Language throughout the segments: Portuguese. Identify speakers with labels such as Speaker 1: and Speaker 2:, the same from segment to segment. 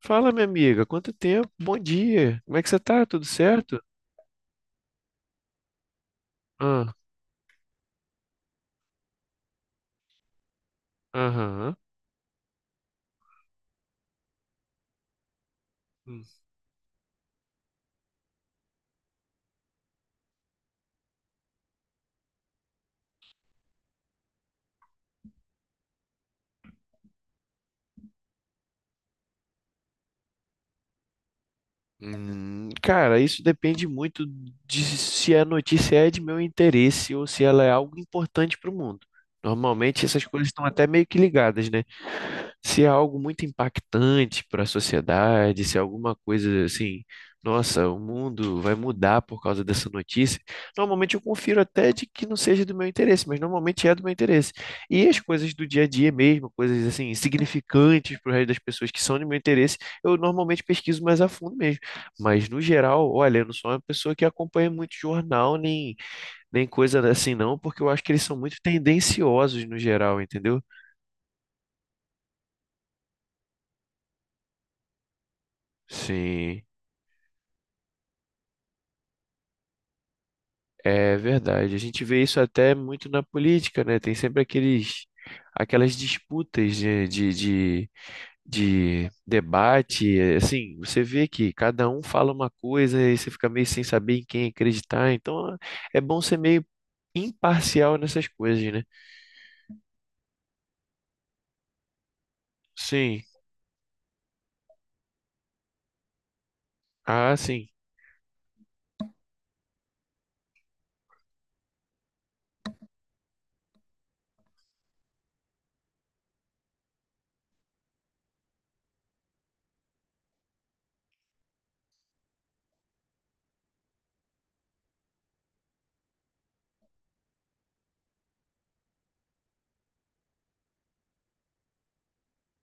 Speaker 1: Fala, minha amiga, quanto tempo? Bom dia. Como é que você tá? Tudo certo? Ah, aham. Hum. Cara, isso depende muito de se a notícia é de meu interesse ou se ela é algo importante para o mundo. Normalmente essas coisas estão até meio que ligadas, né? Se é algo muito impactante para a sociedade, se é alguma coisa assim, nossa, o mundo vai mudar por causa dessa notícia, normalmente eu confiro até de que não seja do meu interesse, mas normalmente é do meu interesse. E as coisas do dia a dia mesmo, coisas assim, insignificantes para o resto das pessoas que são do meu interesse, eu normalmente pesquiso mais a fundo mesmo. Mas no geral, olha, eu não sou uma pessoa que acompanha muito jornal, nem coisa assim não, porque eu acho que eles são muito tendenciosos no geral, entendeu? Sim. É verdade. A gente vê isso até muito na política, né? Tem sempre aqueles, aquelas disputas de debate. Assim, você vê que cada um fala uma coisa e você fica meio sem saber em quem acreditar. Então, é bom ser meio imparcial nessas coisas, né? Sim. Ah, sim.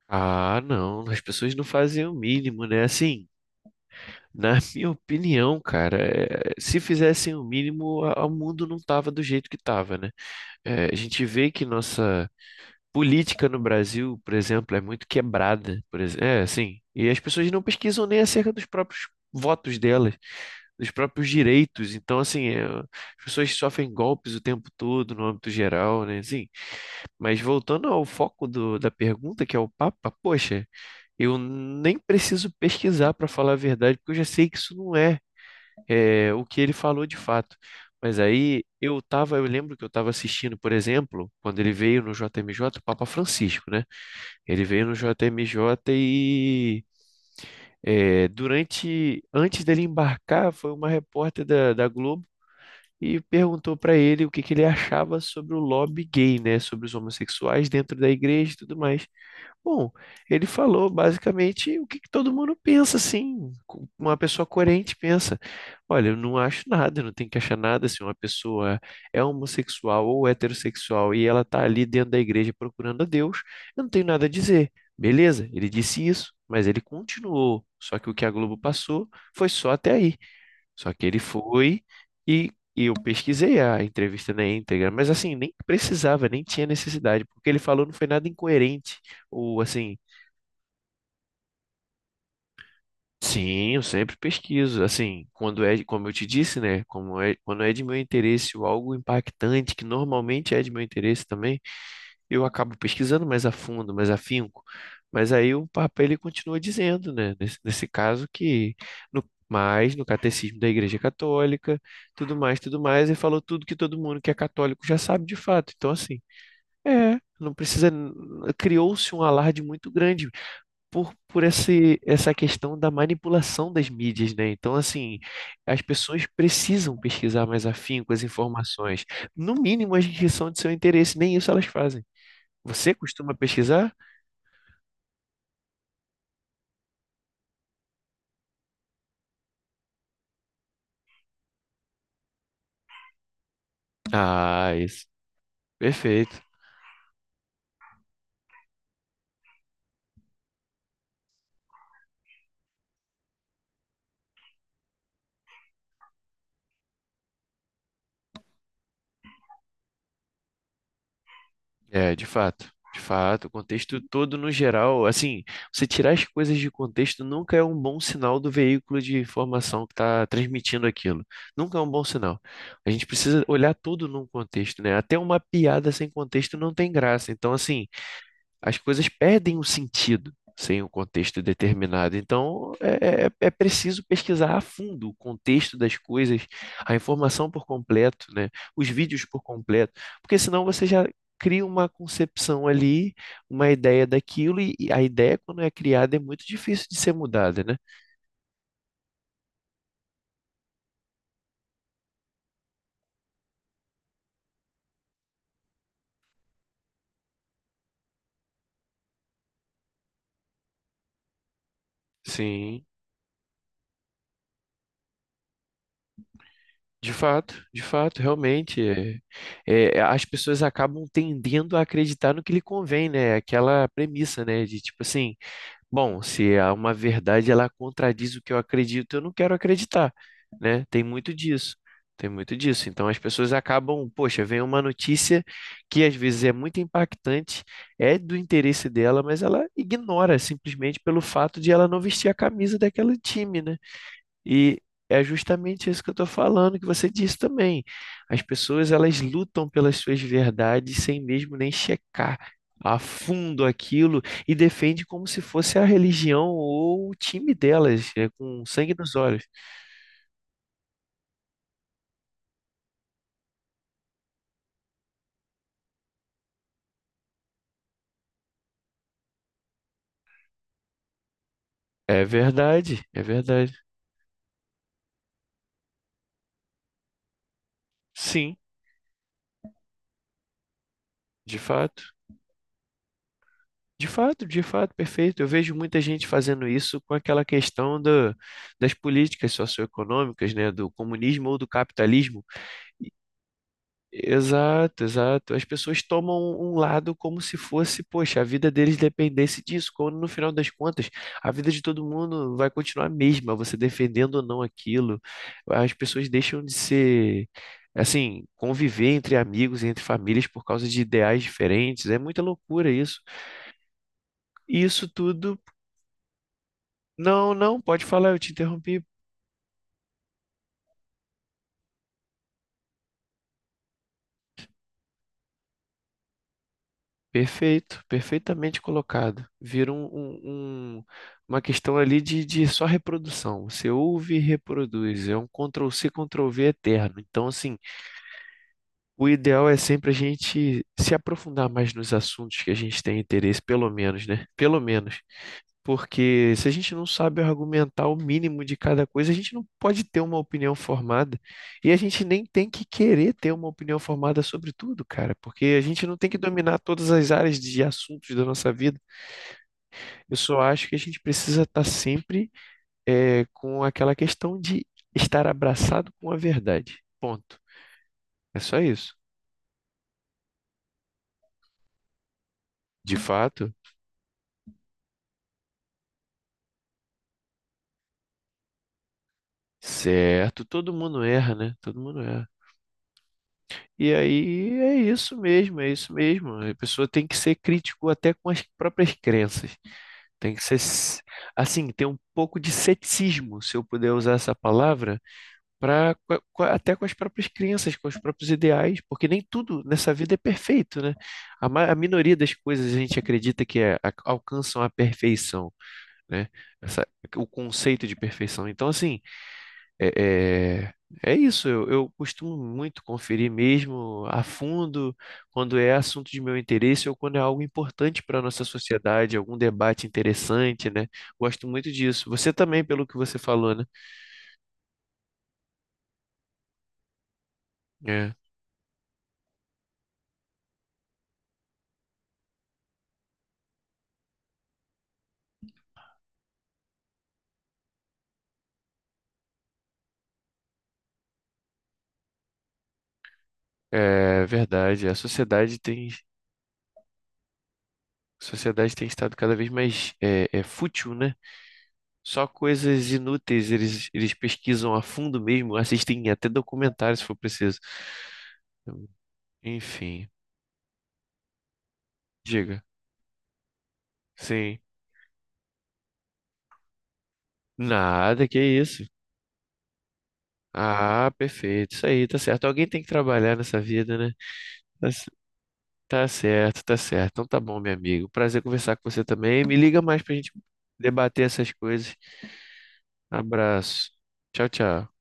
Speaker 1: Ah, não. As pessoas não fazem o mínimo, né? Assim, na minha opinião, cara, se fizessem o mínimo, o mundo não tava do jeito que tava, né? É, a gente vê que nossa política no Brasil, por exemplo, é muito quebrada, por exemplo. É, assim. E as pessoas não pesquisam nem acerca dos próprios votos delas, dos próprios direitos. Então, assim, é, as pessoas sofrem golpes o tempo todo no âmbito geral, né? Assim, mas voltando ao foco da pergunta, que é o Papa, poxa, eu nem preciso pesquisar para falar a verdade, porque eu já sei que isso não é é, o que ele falou de fato. Mas aí eu tava, eu lembro que eu estava assistindo, por exemplo, quando ele veio no JMJ, o Papa Francisco, né? Ele veio no JMJ e é, durante, antes dele embarcar, foi uma repórter da Globo e perguntou para ele o que que ele achava sobre o lobby gay, né? Sobre os homossexuais dentro da igreja e tudo mais. Bom, ele falou basicamente o que, que todo mundo pensa, assim, uma pessoa coerente pensa. Olha, eu não acho nada, eu não tem que achar nada. Se uma pessoa é homossexual ou heterossexual e ela está ali dentro da igreja procurando a Deus, eu não tenho nada a dizer. Beleza, ele disse isso, mas ele continuou. Só que o que a Globo passou foi só até aí. Só que ele foi e, e eu pesquisei a entrevista na íntegra, mas assim, nem precisava, nem tinha necessidade, porque ele falou não foi nada incoerente, ou assim, sim, eu sempre pesquiso, assim, quando é, como eu te disse, né, como é, quando é de meu interesse ou algo impactante, que normalmente é de meu interesse também, eu acabo pesquisando mais a fundo, mais afinco, mas aí o Papa ele continua dizendo, né, nesse caso que no mais no catecismo da Igreja Católica, tudo mais, e falou tudo que todo mundo que é católico já sabe de fato. Então assim, é, não precisa, criou-se um alarde muito grande por esse, essa questão da manipulação das mídias, né? Então assim, as pessoas precisam pesquisar mais afinco as informações, no mínimo as que são de seu interesse, nem isso elas fazem. Você costuma pesquisar? Ah, isso. Perfeito. É, de fato. De fato, o contexto todo no geral, assim, você tirar as coisas de contexto nunca é um bom sinal do veículo de informação que está transmitindo aquilo. Nunca é um bom sinal. A gente precisa olhar tudo num contexto, né? Até uma piada sem contexto não tem graça. Então, assim, as coisas perdem o sentido sem o contexto determinado. Então, é preciso pesquisar a fundo o contexto das coisas, a informação por completo, né? Os vídeos por completo, porque senão você já cria uma concepção ali, uma ideia daquilo, e a ideia, quando é criada, é muito difícil de ser mudada, né? Sim, de fato, realmente. É, as pessoas acabam tendendo a acreditar no que lhe convém, né? Aquela premissa, né? De tipo assim. Bom, se há uma verdade, ela contradiz o que eu acredito, eu não quero acreditar, né? Tem muito disso. Tem muito disso. Então as pessoas acabam, poxa, vem uma notícia que às vezes é muito impactante, é do interesse dela, mas ela ignora simplesmente pelo fato de ela não vestir a camisa daquele time, né? E é justamente isso que eu estou falando, que você disse também. As pessoas, elas lutam pelas suas verdades sem mesmo nem checar a fundo aquilo e defende como se fosse a religião ou o time delas, é, com sangue nos olhos. É verdade, é verdade. Sim, de fato. De fato, de fato, perfeito. Eu vejo muita gente fazendo isso com aquela questão das políticas socioeconômicas, né, do comunismo ou do capitalismo. Exato, exato. As pessoas tomam um lado como se fosse, poxa, a vida deles dependesse disso, quando no final das contas, a vida de todo mundo vai continuar a mesma, você defendendo ou não aquilo. As pessoas deixam de ser, assim, conviver entre amigos, entre famílias por causa de ideais diferentes. É muita loucura isso. E isso tudo. Não, não, pode falar, eu te interrompi. Perfeito, perfeitamente colocado. Vira um- uma questão ali de só reprodução. Você ouve e reproduz. É um Ctrl C Ctrl+C, V eterno. Então, assim, o ideal é sempre a gente se aprofundar mais nos assuntos que a gente tem interesse, pelo menos, né? Pelo menos. Porque se a gente não sabe argumentar o mínimo de cada coisa, a gente não pode ter uma opinião formada. E a gente nem tem que querer ter uma opinião formada sobre tudo, cara, porque a gente não tem que dominar todas as áreas de assuntos da nossa vida. Eu só acho que a gente precisa estar sempre com aquela questão de estar abraçado com a verdade. Ponto. É só isso. De fato, certo, todo mundo erra, né? Todo mundo erra. E aí é isso mesmo, é isso mesmo. A pessoa tem que ser crítico até com as próprias crenças. Tem que ser, s- assim, ter um pouco de ceticismo, se eu puder usar essa palavra, para até com as próprias crenças, com os próprios ideais, porque nem tudo nessa vida é perfeito, né? A minoria das coisas a gente acredita que é, alcançam a perfeição, né? Essa- o conceito de perfeição. Então, assim é, é, é isso, eu costumo muito conferir mesmo a fundo quando é assunto de meu interesse ou quando é algo importante para a nossa sociedade, algum debate interessante, né? Gosto muito disso. Você também, pelo que você falou, né? É, é verdade, a sociedade tem estado cada vez mais fútil, né? Só coisas inúteis, eles pesquisam a fundo mesmo, assistem até documentários se for preciso. Enfim, diga. Sim. Nada, que isso. Ah, perfeito. Isso aí, tá certo. Alguém tem que trabalhar nessa vida, né? Tá, c- tá certo, tá certo. Então tá bom, meu amigo. Prazer conversar com você também. Me liga mais pra gente debater essas coisas. Abraço. Tchau, tchau.